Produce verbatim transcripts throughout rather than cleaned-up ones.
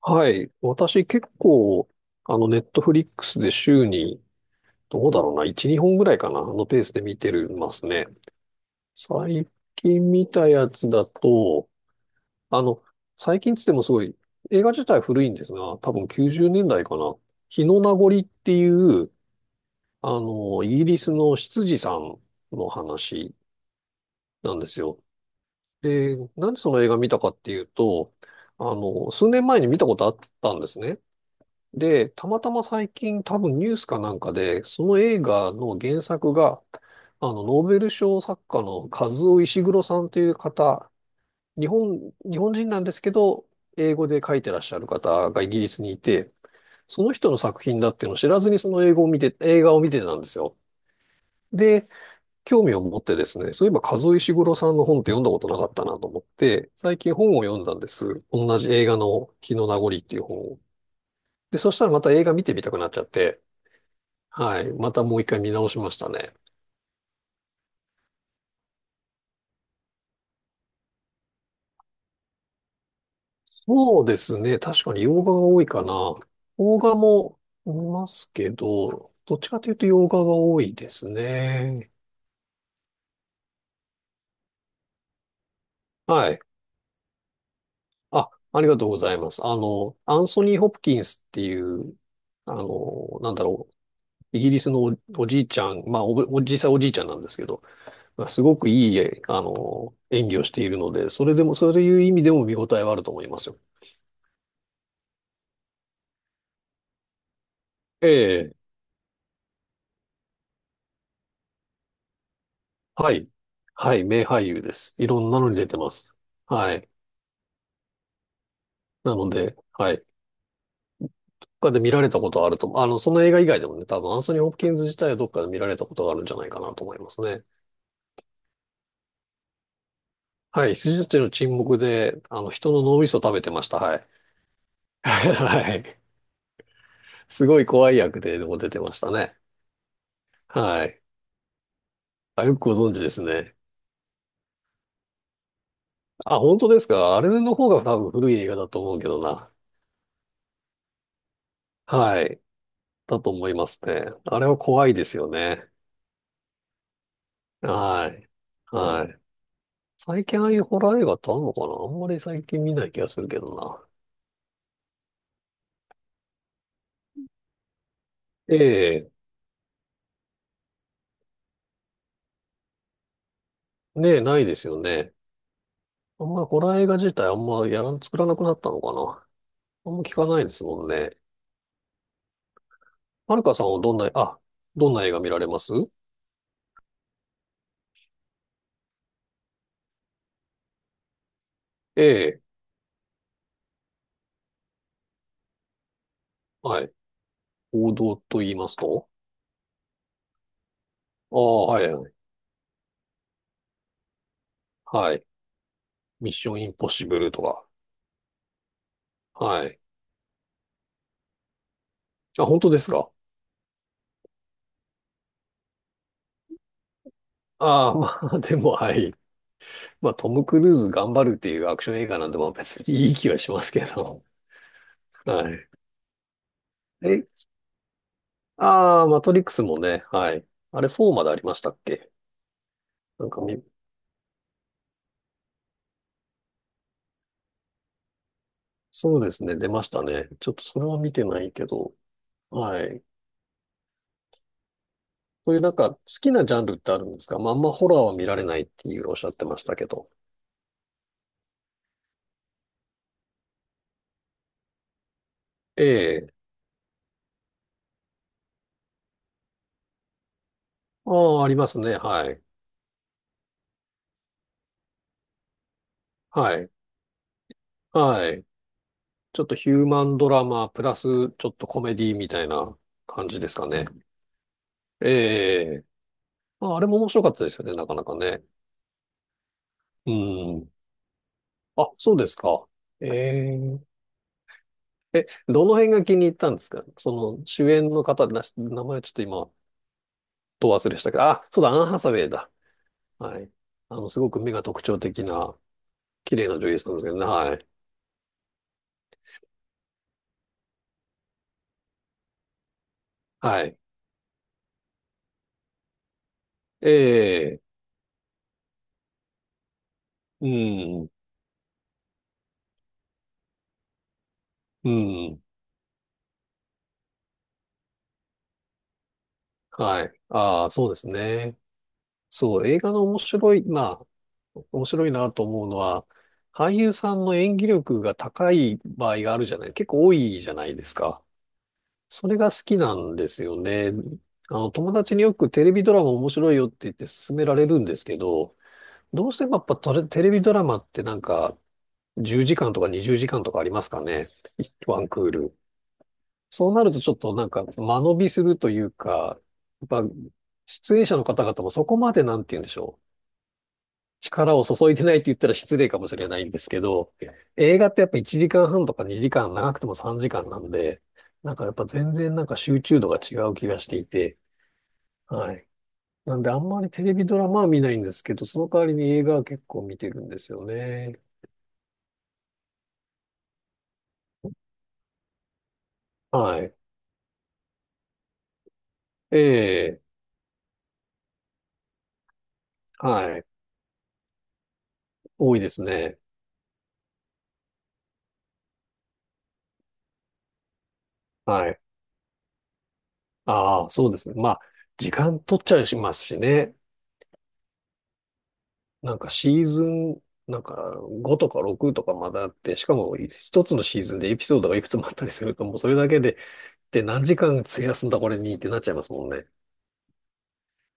はい。私結構、あの、ネットフリックスで週に、どうだろうな、いち、にほんぐらいかな、あのペースで見てるますね。最近見たやつだと、あの、最近つってもすごい、映画自体古いんですが、多分きゅうじゅうねんだいかな。日の名残っていう、あの、イギリスの執事さんの話なんですよ。で、なんでその映画見たかっていうと、あの、数年前に見たことあったんですね。で、たまたま最近多分ニュースかなんかで、その映画の原作が、あの、ノーベル賞作家のカズオ・イシグロさんという方、日本、日本人なんですけど、英語で書いてらっしゃる方がイギリスにいて、その人の作品だっていうのを知らずにその英語を見て、映画を見てたんですよ。で、興味を持ってですね、そういえばカズオ・イシグロさんの本って読んだことなかったなと思って、最近本を読んだんです。同じ映画の「火の名残」っていう本を。で、そしたらまた映画見てみたくなっちゃって、はい。またもう一回見直しましたね。そうですね。確かに洋画が多いかな。邦画も見ますけど、どっちかというと洋画が多いですね。はい。あ、ありがとうございます。あの、アンソニー・ホプキンスっていう、あの、なんだろう。イギリスのお、おじいちゃん、まあお、お、実際おじいちゃんなんですけど、まあ、すごくいい、えあの、演技をしているので、それでも、そういう意味でも見応えはあると思いますよ。ええはい。はい。名俳優です。いろんなのに出てます。はい。なので、はい。他で見られたことはあると思う。あの、その映画以外でもね、多分アンソニー・ホプキンズ自体はどっかで見られたことがあるんじゃないかなと思いますね。はい。羊たちの沈黙で、あの、人の脳みそ食べてました。はい。はい。すごい怖い役で、でも出てましたね。はい。あ、よくご存知ですね。あ、本当ですか。あれの方が多分古い映画だと思うけどな。はい。だと思いますね。あれは怖いですよね。はい。はい。最近ああいうホラー映画ってあんのかな、あんまり最近見ない気がするけどな。ええ、ねえ、ないですよね。あんまりホラー映画自体あんまやらん、作らなくなったのかな、あんま聞かないですもんね。はるかさんはどんな、あ、どんな映画見られます？ええ、はい。王道と言いますと？ああ、はい、はい。はい。ミッションインポッシブルとか。はい。あ、本当ですか？ああ、まあ、でも、はい。まあ、トム・クルーズ頑張るっていうアクション映画なんで、まあ別にいい気はしますけど。はい。え、ああ、マトリックスもね、はい。あれよんまでありましたっけ？なんかみ、そうですね、出ましたね。ちょっとそれは見てないけど、はい。そういうなんか好きなジャンルってあるんですか？まあ、あんまホラーは見られないっていうおっしゃってましたけど。ええ。ああ、ありますね、はい。はい。はい。ちょっとヒューマンドラマ、プラスちょっとコメディみたいな感じですかね。ええ。まあ、あれも面白かったですよね、なかなかね。うん。あ、そうですか。ええ。え、どの辺が気に入ったんですか？その主演の方、なし、名前ちょっと今、ど忘れしたけど、あ、そうだ、アン・ハサウェイだ。はい。あの、すごく目が特徴的な、綺麗な女優さんですけどね。はい。はい。ええ、うん、うん。はい。ああ、そうですね。そう、映画の面白い、まあ、面白いなと思うのは、俳優さんの演技力が高い場合があるじゃない、結構多いじゃないですか。それが好きなんですよね。あの、友達によくテレビドラマ面白いよって言って勧められるんですけど、どうしてもやっぱトレテレビドラマってなんかじゅうじかんとかにじゅうじかんとかありますかね。ワンクール。そうなるとちょっとなんか間延びするというか、やっぱ出演者の方々もそこまでなんて言うんでしょう。力を注いでないって言ったら失礼かもしれないんですけど、映画ってやっぱいちじかんはんとかにじかん、長くてもさんじかんなんで、なんかやっぱ全然なんか集中度が違う気がしていて、はい。なんであんまりテレビドラマは見ないんですけど、その代わりに映画は結構見てるんですよね。はい。ええ、はい。多いですね。はい。ああ、そうですね。まあ、時間取っちゃいますしね。なんかシーズン、なんかごとかろくとかまだあって、しかも一つのシーズンでエピソードがいくつもあったりすると、もうそれだけで、で、何時間費やすんだこれにってなっちゃいますもんね。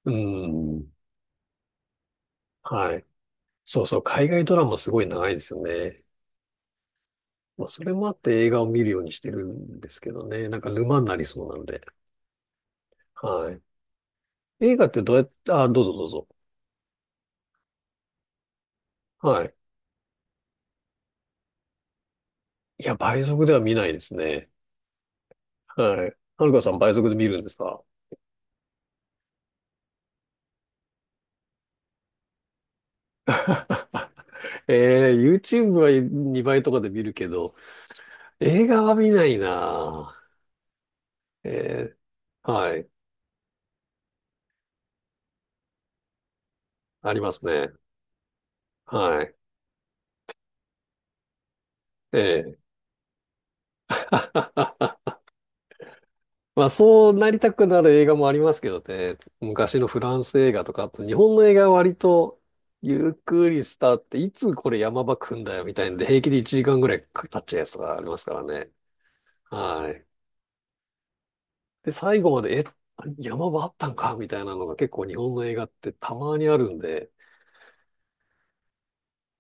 うん。ん。はい。そうそう、海外ドラマすごい長いですよね。まあ、それもあって映画を見るようにしてるんですけどね。なんか沼になりそうなので。はい。映画ってどうやって、あ、どうぞどうぞ。はい。いや、倍速では見ないですね。はい。はるかさん倍速で見るんですか？ えー、ユーチューブ はにばいとかで見るけど、映画は見ないなぁ。えー、はい。ありますね。はい。ええ まあ、そうなりたくなる映画もありますけどね。昔のフランス映画とか、あと日本の映画は割と、ゆっくりスタートっていつこれ山場来んだよみたいんで、平気でいちじかんぐらい経っちゃうやつとかありますからね。はい。で、最後まで、え、山場あったんかみたいなのが結構日本の映画ってたまにあるんで、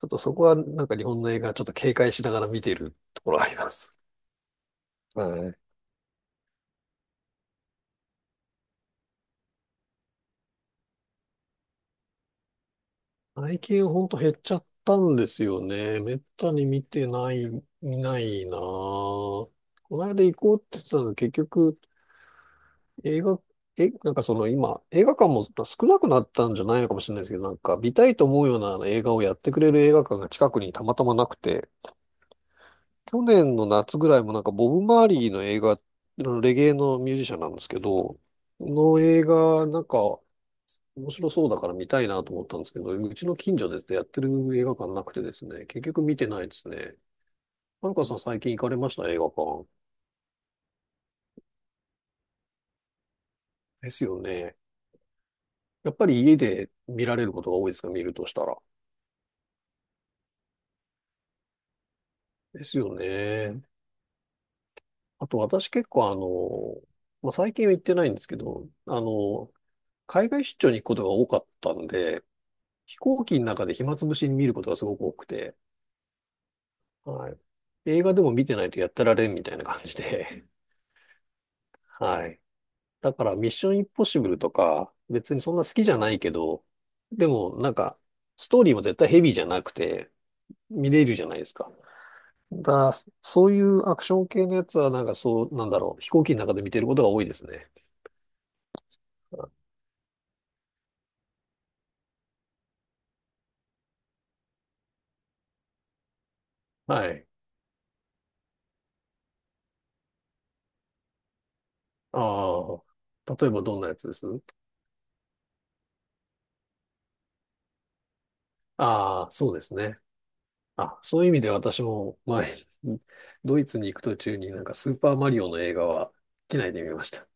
ちょっとそこはなんか日本の映画ちょっと警戒しながら見ているところあります。はい。最近ほんと減っちゃったんですよね。めったに見てない、見ないなぁ。この間行こうって言ってたの、結局映画、え、なんかその今、映画館も少なくなったんじゃないのかもしれないですけど、なんか見たいと思うようなあの映画をやってくれる映画館が近くにたまたまなくて、去年の夏ぐらいもなんかボブ・マーリーの映画、あのレゲエのミュージシャンなんですけど、の映画、なんか面白そうだから見たいなと思ったんですけど、うちの近所でやってる映画館なくてですね、結局見てないですね。はるかさん最近行かれました？映画館。ですよね。やっぱり家で見られることが多いですか？見るとしたら。ですよね。あと私結構あの、まあ、最近は行ってないんですけど、あの、海外出張に行くことが多かったんで、飛行機の中で暇つぶしに見ることがすごく多くて、はい。映画でも見てないとやってられんみたいな感じで、はい。だからミッションインポッシブルとか、別にそんな好きじゃないけど、でもなんか、ストーリーも絶対ヘビーじゃなくて、見れるじゃないですか。だ、そういうアクション系のやつはなんかそう、なんだろう、飛行機の中で見てることが多いですね。はい。ああ、例えばどんなやつです？ああ、そうですね。あ、そういう意味で私も前、ドイツに行く途中になんかスーパーマリオの映画は機内で見ました。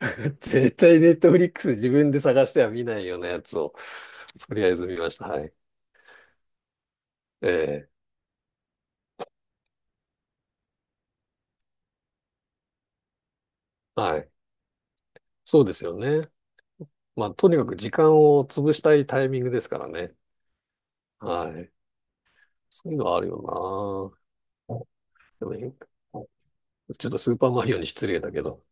絶対ネットフリックス自分で探しては見ないようなやつをとりあえず見ました。はい。ええ、はい。そうですよね。まあ、とにかく時間を潰したいタイミングですからね。はい。そういうのはあるよな。でもねちょっとスーパーマリオに失礼だけど。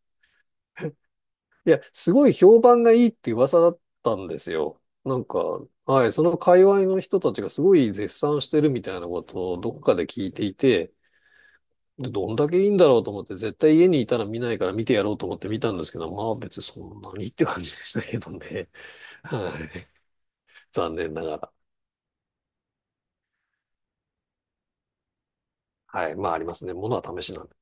いや、すごい評判がいいって噂だったんですよ。なんか、はい、その界隈の人たちがすごい絶賛してるみたいなことをどっかで聞いていて、でどんだけいいんだろうと思って、絶対家にいたら見ないから見てやろうと思って見たんですけど、まあ別にそんなにって感じでしたけどね。はい。残念ながら。はい。まあ、ありますね。ものは試しなんで。